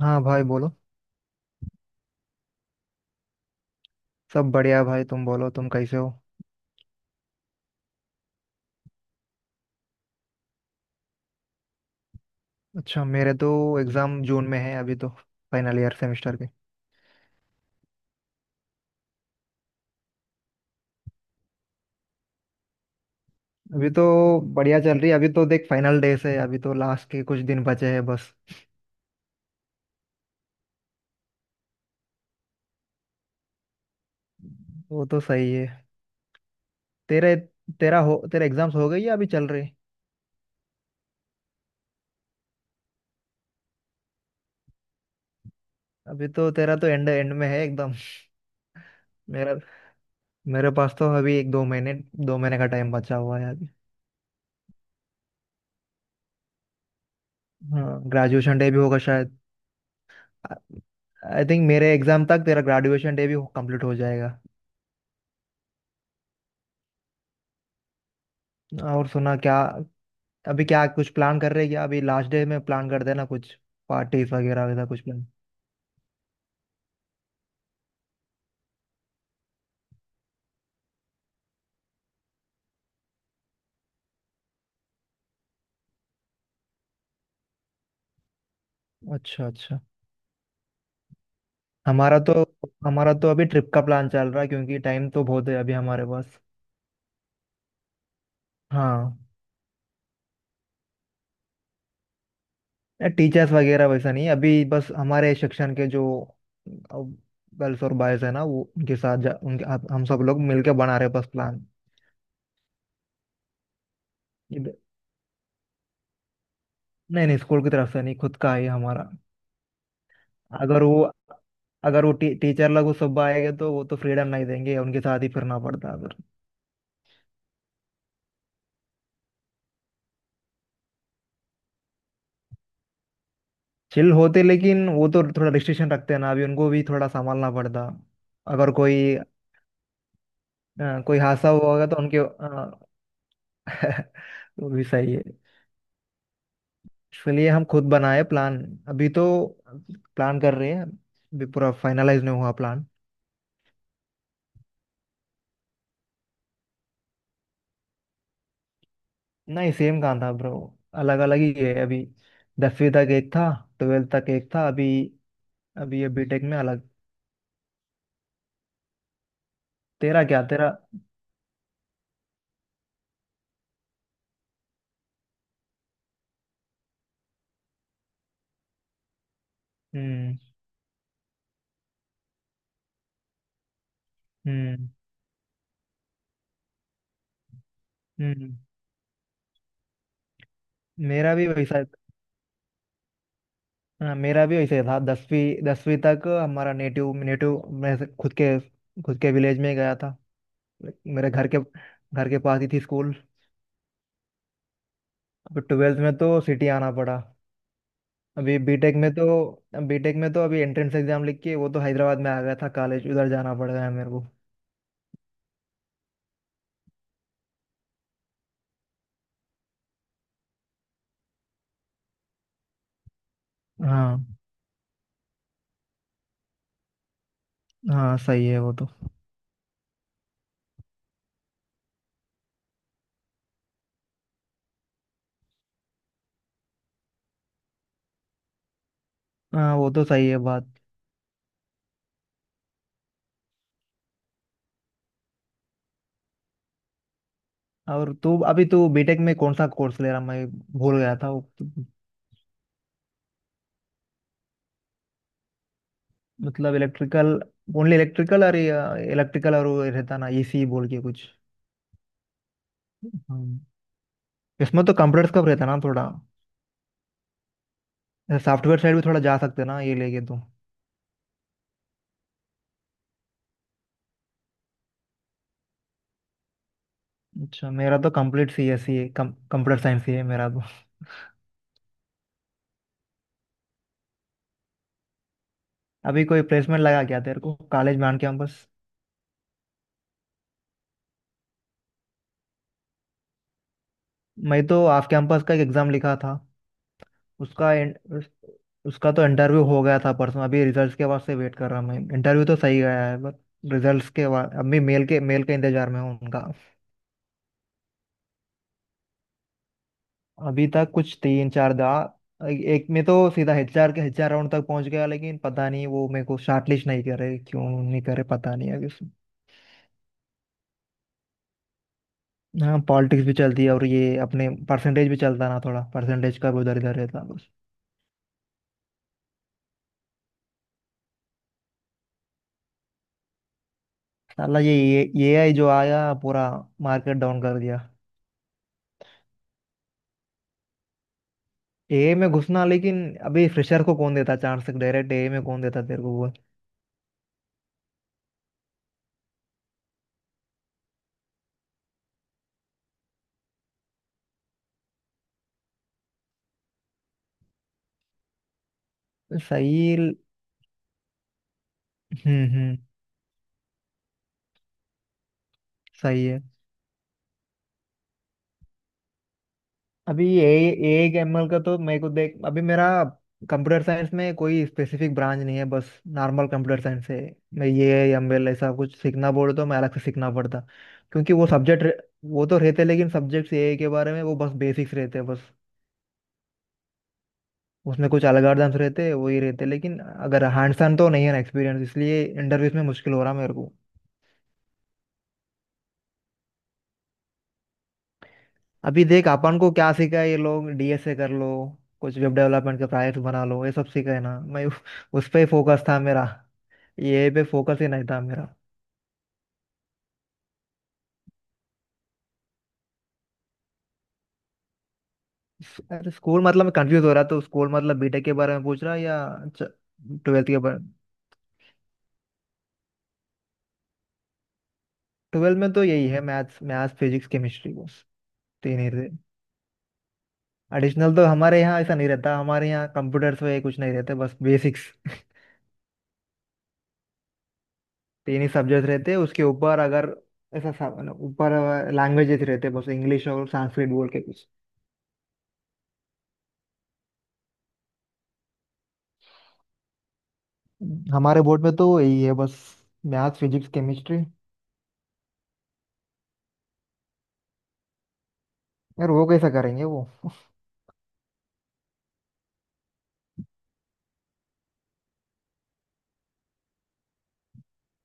हाँ भाई बोलो। सब बढ़िया भाई। तुम बोलो, तुम कैसे हो? अच्छा, मेरे तो एग्जाम जून में है अभी तो, फाइनल ईयर सेमेस्टर के। अभी तो बढ़िया चल रही है। अभी तो देख, फाइनल डेज है, अभी तो लास्ट के कुछ दिन बचे हैं बस। वो तो सही है। तेरे तेरा हो तेरा एग्जाम्स हो गई या अभी चल रही? अभी तो तेरा तो एंड एंड में है एकदम। मेरा मेरे पास तो अभी 1-2 महीने, 2 महीने का टाइम बचा हुआ है अभी। हाँ, ग्रेजुएशन डे भी होगा शायद। आई थिंक मेरे एग्जाम तक तेरा ग्रेजुएशन डे भी कंप्लीट हो जाएगा। और सुना क्या? अभी क्या कुछ प्लान कर रहे हैं क्या? अभी लास्ट डे में प्लान कर देना कुछ, पार्टी वगैरह वगैरह कुछ प्लान। अच्छा अच्छा। हमारा तो हमारा तो अभी ट्रिप का प्लान चल रहा है, क्योंकि टाइम तो बहुत है अभी हमारे पास। हाँ। टीचर्स वगैरह वैसा नहीं, अभी बस हमारे सेक्शन के जो गर्ल्स और बॉयज है ना, वो उनके साथ जा, उनके आप- हम सब लोग मिलके बना रहे हैं बस प्लान। इब- नहीं नहीं, स्कूल की तरफ से नहीं, खुद का है हमारा। अगर वो अगर वो टीचर लोग वो सब आएंगे तो वो तो फ्रीडम नहीं देंगे, उनके साथ ही फिरना पड़ता है। चिल होते, लेकिन वो तो थोड़ा रिस्ट्रिक्शन रखते हैं ना, अभी उनको भी थोड़ा संभालना पड़ता। अगर कोई अ, कोई हादसा हुआ होगा तो उनके वो भी सही है। इसलिए हम खुद बनाए प्लान। अभी तो प्लान कर रहे हैं, अभी पूरा फाइनलाइज नहीं हुआ प्लान। नहीं, सेम कहाँ था ब्रो। अलग अलग ही है अभी। 10वीं तक एक था। ट्वेल्थ तक एक था। अभी अभी ये बीटेक में अलग। तेरा क्या, तेरा? हम्म हम्म हम्म। मेरा भी वैसा। हाँ, मेरा भी वैसे था। दसवीं दसवीं तक हमारा नेटिव नेटिव मैं से- खुद के खुद के विलेज में ही गया था। मेरे घर के पास ही थी स्कूल। अभी 12th में तो सिटी आना पड़ा। अभी बीटेक में तो, अभी एंट्रेंस एग्जाम लिख के, वो तो हैदराबाद में आ गया था कॉलेज, उधर जाना पड़ गया मेरे को। हाँ हाँ, सही है वो तो। हाँ, वो तो सही है बात। और तू, अभी तू बीटेक में कौन सा कोर्स ले रहा? मैं भूल गया था मतलब इलेक्ट्रिकल, ओनली इलेक्ट्रिकल। और इलेक्ट्रिकल, और वो रहता ना AC बोल के कुछ? हम्म। इसमें तो कंप्यूटर्स का भी रहता है ना थोड़ा? सॉफ्टवेयर साइड भी थोड़ा जा सकते हैं ना ये लेके तो? अच्छा, मेरा तो कंप्लीट CSC है, कंप्यूटर साइंस ही है मेरा तो। अभी कोई प्लेसमेंट लगा क्या तेरे को कॉलेज में, ऑन कैंपस? मैं तो ऑफ कैंपस का एक एग्जाम लिखा था। उसका इन- उस, उसका तो इंटरव्यू हो गया था परसों, अभी रिजल्ट्स के वास्ते वेट कर रहा हूँ मैं। इंटरव्यू तो सही गया है बट, रिजल्ट्स के बाद अभी मेल के इंतजार में हूँ उनका। अभी तक कुछ तीन चार दा एक में तो सीधा HR राउंड तक पहुंच गया, लेकिन पता नहीं वो मेरे को शॉर्टलिस्ट नहीं करे क्यों, नहीं करे पता नहीं अभी उसमें। हाँ, पॉलिटिक्स भी चलती है, और ये अपने परसेंटेज भी चलता ना थोड़ा, परसेंटेज का भी उधर इधर रहता बस। साला, ये AI जो आया पूरा मार्केट डाउन कर दिया। एआई में घुसना, लेकिन अभी फ्रेशर को कौन देता चांस? डायरेक्ट AI में कौन देता तेरे को वो? सही। हम्म। सही है। अभी ए ए एमएल का तो मेरे को देख, अभी मेरा कंप्यूटर साइंस में कोई स्पेसिफिक ब्रांच नहीं है, बस नॉर्मल कंप्यूटर साइंस है। मैं ये ML ऐसा कुछ सीखना बोले तो मैं अलग से सीखना पड़ता, क्योंकि वो सब्जेक्ट, वो तो रहते लेकिन सब्जेक्ट्स, AI के बारे में वो बस बेसिक्स रहते हैं बस। उसमें कुछ अलग अर्धम्स रहते हैं, वही रहते हैं। लेकिन अगर हैंड्स ऑन तो नहीं है ना एक्सपीरियंस, इसलिए इंटरव्यूज में मुश्किल हो रहा मेरे को। अभी देख, अपन को क्या सीखा है ये लोग, DSA कर लो, कुछ वेब डेवलपमेंट के प्रोजेक्ट बना लो, ये सब सीखा है ना मैं। उस पे ही फोकस था मेरा। ये पे फोकस ही नहीं था मेरा। अरे, स्कूल मतलब मैं कंफ्यूज हो रहा, तो स्कूल मतलब बीटेक के बारे में पूछ रहा है या 12th के बारे? ट्वेल्थ में तो यही है, मैथ्स मैथ्स फिजिक्स केमिस्ट्री बस। तीन ही थे। एडिशनल तो हमारे यहाँ ऐसा नहीं रहता, हमारे यहाँ कंप्यूटर्स वगैरह कुछ नहीं रहते, बस बेसिक्स। तीन ही सब्जेक्ट रहते, उसके ऊपर अगर ऐसा ना, ऊपर लैंग्वेजेस रहते बस, इंग्लिश और संस्कृत बोल के कुछ। हमारे बोर्ड में तो यही है बस, मैथ्स फिजिक्स केमिस्ट्री। यार वो कैसा करेंगे वो?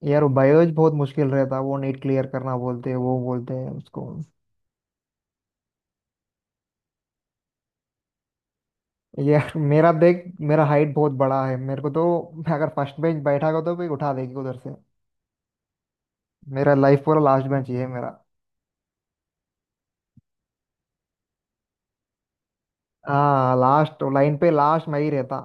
यार बायोलॉजी बहुत मुश्किल रहता, वो नीट क्लियर करना बोलते हैं, वो बोलते हैं उसको। यार मेरा देख, मेरा हाइट बहुत बड़ा है, मेरे को तो मैं अगर फर्स्ट बेंच बैठा हो तो भी उठा देगी उधर से। मेरा लाइफ पूरा लास्ट बेंच ही है मेरा। हाँ, लास्ट लाइन पे लास्ट मैं ही रहता।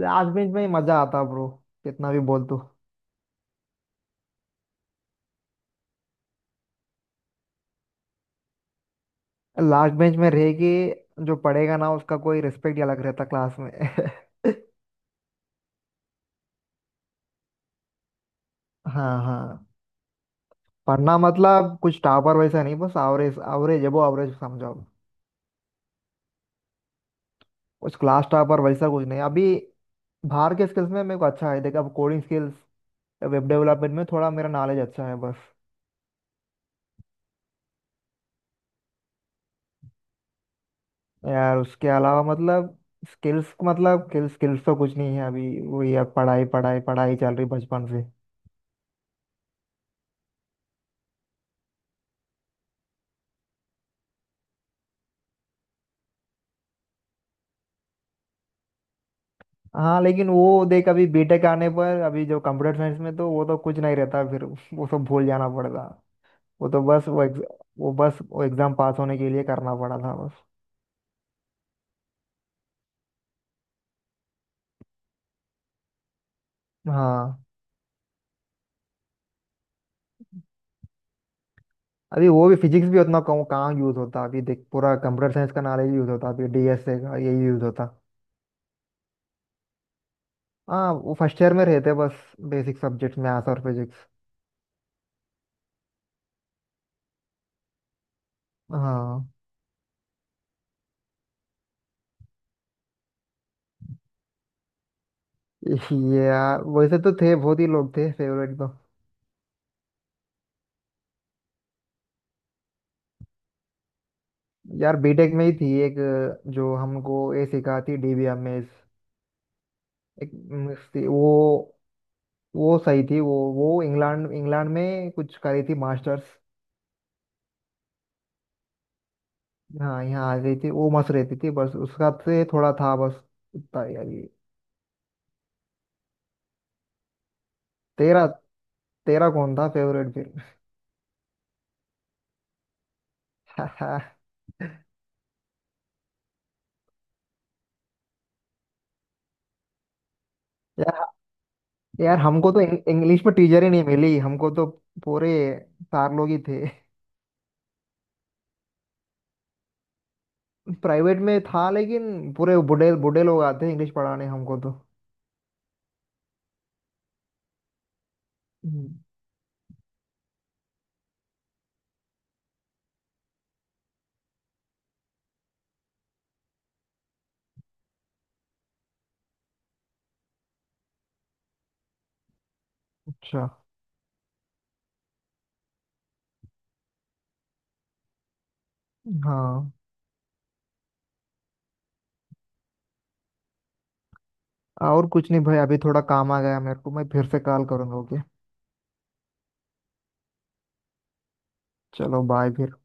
लास्ट बेंच में ही मजा आता ब्रो, कितना भी बोल तू। लास्ट बेंच में रहेगी, जो पढ़ेगा ना उसका कोई रिस्पेक्ट ही अलग रहता क्लास में। हाँ हाँ। पढ़ना मतलब कुछ टॉपर वैसा नहीं, बस एवरेज एवरेज एबो एवरेज समझो। कुछ क्लास टॉपर वैसा कुछ नहीं अभी। बाहर के स्किल्स में मेरे को अच्छा है देखा, अब कोडिंग स्किल्स, वेब डेवलपमेंट में थोड़ा मेरा नॉलेज अच्छा है बस। यार उसके अलावा मतलब, स्किल्स मतलब, स्किल्स स्किल्स तो कुछ नहीं है अभी वो, यार पढ़ाई पढ़ाई पढ़ाई चल रही बचपन। हाँ लेकिन वो देख, अभी बीटेक आने पर, अभी जो कंप्यूटर साइंस में तो वो तो कुछ नहीं रहता फिर। वो सब भूल जाना पड़ता। वो तो बस वो एग्ज- वो बस वो एग्जाम पास होने के लिए करना पड़ा था बस। हाँ, अभी वो भी फिजिक्स भी उतना कम कहाँ यूज होता, अभी देख पूरा कंप्यूटर साइंस का नॉलेज यूज होता, अभी DSA का यही यूज होता। हाँ, वो फर्स्ट ईयर में रहते बस, बेसिक सब्जेक्ट मैथ्स और फिजिक्स। हाँ। ये यार, वैसे तो थे, बहुत ही लोग थे फेवरेट तो। यार बीटेक में ही थी एक, जो हमको ये सिखाती थी DBMS। एक मिस्टी, वो सही थी, वो इंग्लैंड इंग्लैंड में कुछ करी थी मास्टर्स। हाँ, यहाँ आ गई थी, वो मस्त रहती थी बस, उसका से थोड़ा था बस उतना ही। यार ये, तेरा तेरा कौन था फेवरेट फिर? यार, यार हमको तो इंग्लिश में टीचर ही नहीं मिली हमको तो। पूरे चार लोग ही थे। प्राइवेट में था, लेकिन पूरे बूढ़े बूढ़े लोग आते इंग्लिश पढ़ाने हमको तो। हम्म, अच्छा, हाँ। और कुछ नहीं भाई, अभी थोड़ा काम आ गया मेरे को, मैं फिर से कॉल करूंगा, ओके? चलो, बाय फिर।